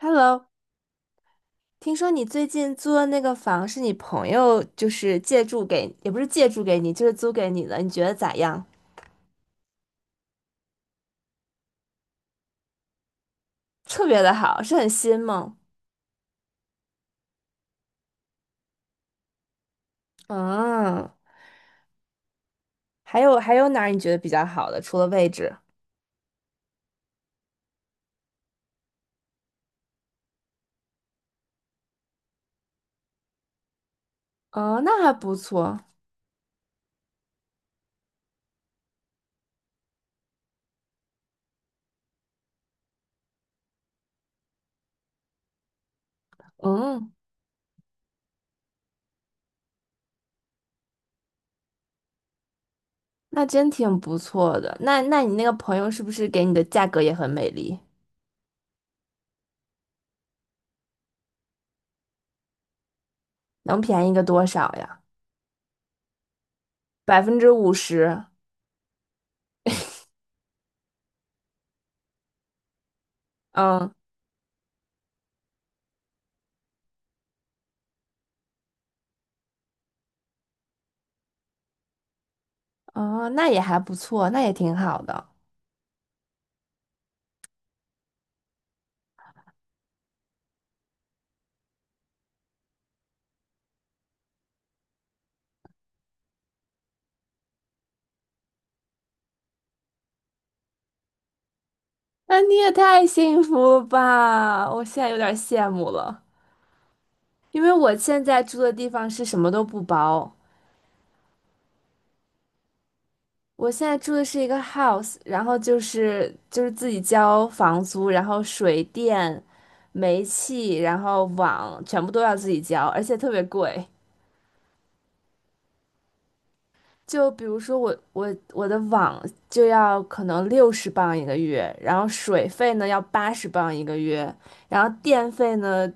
Hello，听说你最近租的那个房是你朋友就是借住给，也不是借住给你，就是租给你的，你觉得咋样？特别的好，是很新吗？嗯，还有哪儿你觉得比较好的？除了位置？哦，那还不错。嗯，那真挺不错的。那你那个朋友是不是给你的价格也很美丽？能便宜个多少呀？50%。嗯，哦，那也还不错，那也挺好的。那你也太幸福了吧！我现在有点羡慕了，因为我现在住的地方是什么都不包，我现在住的是一个 house，然后就是自己交房租，然后水电、煤气，然后网全部都要自己交，而且特别贵。就比如说我的网就要可能60磅一个月，然后水费呢要80磅一个月，然后电费呢，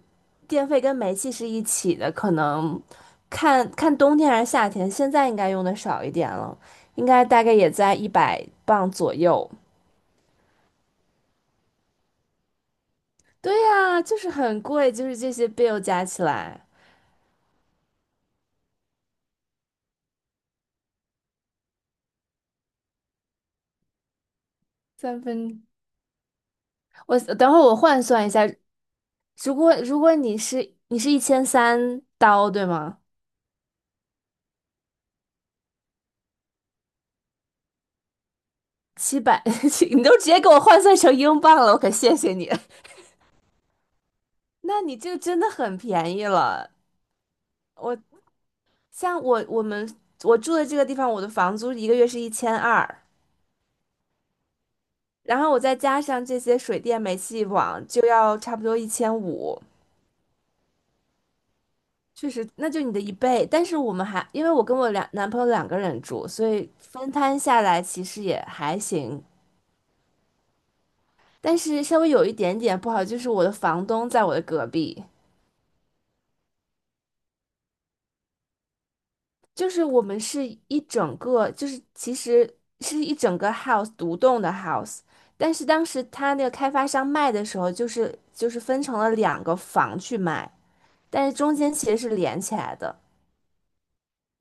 电费跟煤气是一起的，可能看看冬天还是夏天，现在应该用的少一点了，应该大概也在100磅左右。对呀，就是很贵，就是这些 bill 加起来三分，我等会儿我换算一下。如果你是1300刀对吗？700，你都直接给我换算成英镑了，我可谢谢你。那你这个真的很便宜了。我像我我们我住的这个地方，我的房租一个月是1200，然后我再加上这些水电煤气网，就要差不多1500。确实，那就你的一倍。但是我们还因为我跟我两男朋友两个人住，所以分摊下来其实也还行。但是稍微有一点点不好，就是我的房东在我的隔壁。就是我们是一整个，就是其实是一整个 house 独栋的 house，但是当时他那个开发商卖的时候，就是分成了两个房去卖，但是中间其实是连起来的，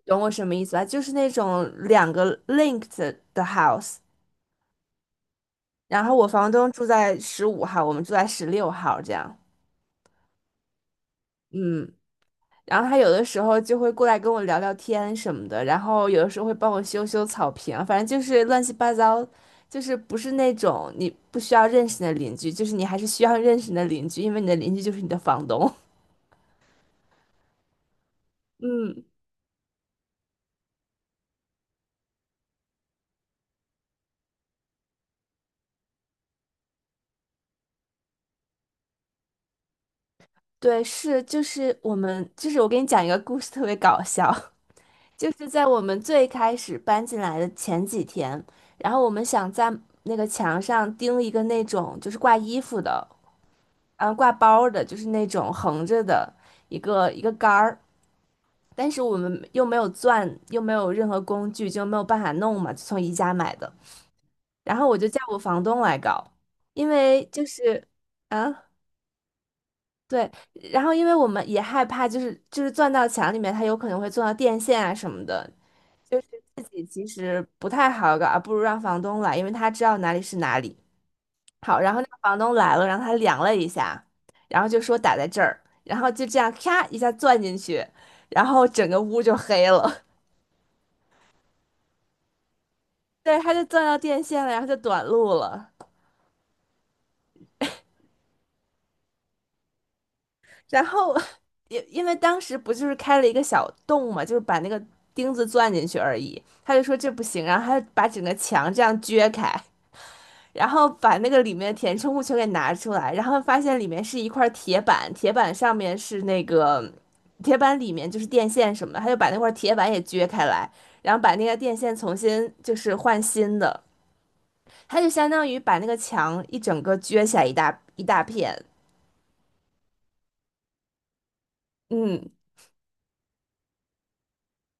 懂我什么意思吧？就是那种两个 linked 的 house，然后我房东住在15号，我们住在16号这样，嗯。然后他有的时候就会过来跟我聊聊天什么的，然后有的时候会帮我修修草坪啊，反正就是乱七八糟，就是不是那种你不需要认识的邻居，就是你还是需要认识的邻居，因为你的邻居就是你的房东。嗯，对，是，就是我们，就是我给你讲一个故事，特别搞笑。就是在我们最开始搬进来的前几天，然后我们想在那个墙上钉一个那种就是挂衣服的。嗯，挂包儿的，就是那种横着的一个一个杆儿，但是我们又没有钻，又没有任何工具，就没有办法弄嘛，就从宜家买的。然后我就叫我房东来搞，因为就是啊，对。然后因为我们也害怕，就是钻到墙里面，它有可能会钻到电线啊什么的，就其实不太好搞，啊不如让房东来，因为他知道哪里是哪里。好，然后那个房东来了，然后他量了一下，然后就说打在这儿，然后就这样咔一下钻进去，然后整个屋就黑了。对，他就钻到电线了，然后就短路了。然后 因为当时不就是开了一个小洞嘛，就是把那个钉子钻进去而已。他就说这不行，然后他就把整个墙这样撅开。然后把那个里面填充物全给拿出来，然后发现里面是一块铁板，铁板上面是那个铁板里面就是电线什么的，他就把那块铁板也撅开来，然后把那个电线重新就是换新的，他就相当于把那个墙一整个撅起来一大一大片。嗯，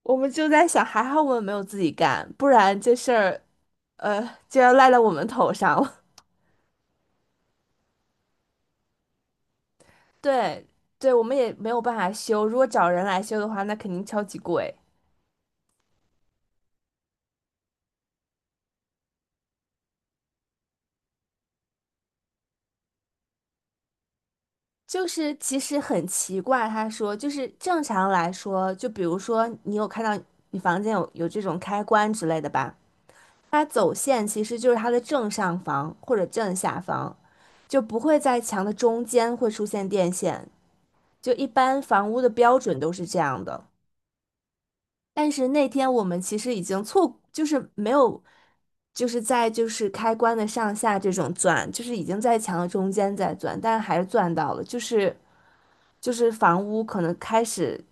我们就在想，还好我们没有自己干，不然这事儿呃就要赖到我们头上了。对，对，我们也没有办法修，如果找人来修的话，那肯定超级贵。就是其实很奇怪，他说就是正常来说，就比如说你有看到你房间有这种开关之类的吧，它走线其实就是它的正上方或者正下方，就不会在墙的中间会出现电线，就一般房屋的标准都是这样的。但是那天我们其实已经错，就是没有，就是在就是开关的上下这种钻，就是已经在墙的中间在钻，但是还是钻到了，就是。就是房屋可能开始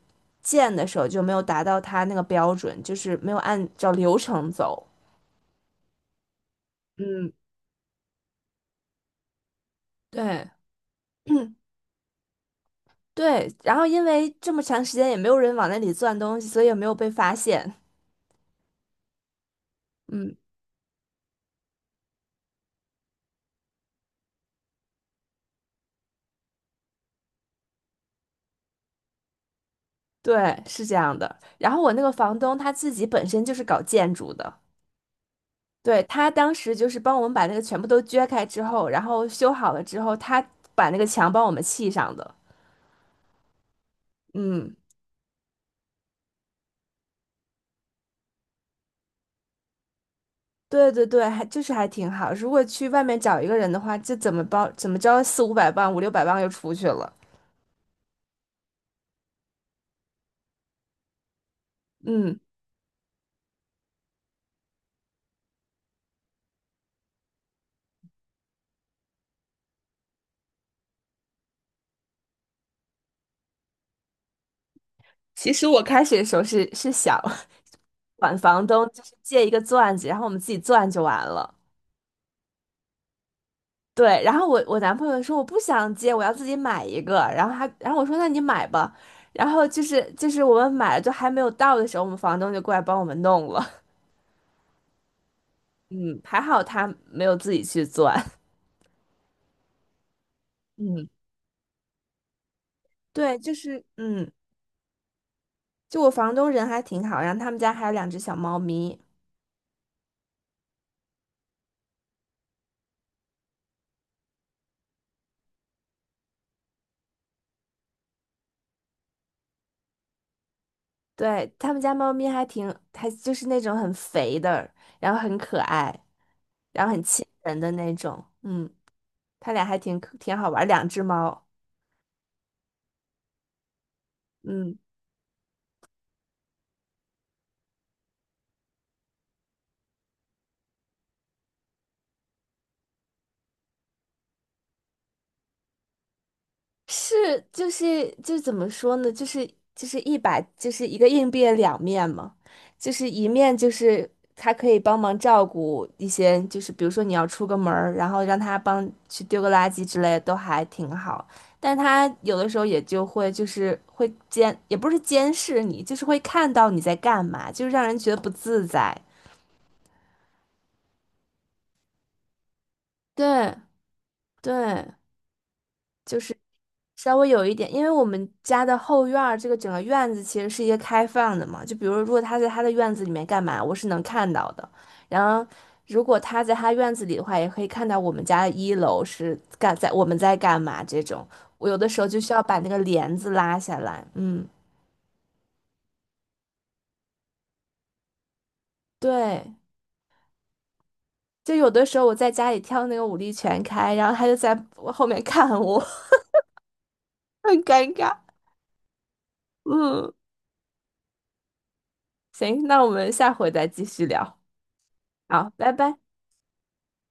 建的时候就没有达到它那个标准，就是没有按照流程走。嗯，对，对，然后因为这么长时间也没有人往那里钻东西，所以也没有被发现。嗯，对，是这样的。然后我那个房东他自己本身就是搞建筑的，对，他当时就是帮我们把那个全部都撅开之后，然后修好了之后，他把那个墙帮我们砌上的。嗯，对对对，还就是还挺好。如果去外面找一个人的话，就怎么包怎么着四五百磅、五六百磅就出去了。嗯，其实我开始的时候是想 管房东，就是借一个钻子，然后我们自己钻就完了。对，然后我男朋友说我不想借，我要自己买一个。然后他，然后我说那你买吧。然后就是我们买了，就还没有到的时候，我们房东就过来帮我们弄了。嗯，还好他没有自己去钻。嗯，对，就是嗯。就我房东人还挺好，然后他们家还有两只小猫咪，对，他们家猫咪还就是那种很肥的，然后很可爱，然后很亲人的那种，嗯，他俩还挺好玩儿两只猫，嗯。是，就是就怎么说呢？就是一百，就是一个硬币的两面嘛，就是一面就是他可以帮忙照顾一些，就是比如说你要出个门儿，然后让他帮去丢个垃圾之类的，都还挺好。但他有的时候也就会就是会监，也不是监视你，就是会看到你在干嘛，就让人觉得不自在。对对，就是。稍微有一点，因为我们家的后院儿这个整个院子其实是一个开放的嘛，就比如如果他在他的院子里面干嘛，我是能看到的。然后如果他在他院子里的话，也可以看到我们家的一楼是干在我们在干嘛这种。我有的时候就需要把那个帘子拉下来，嗯，对，就有的时候我在家里跳那个舞力全开，然后他就在我后面看我，很尴尬。嗯，行，那我们下回再继续聊，好，拜拜。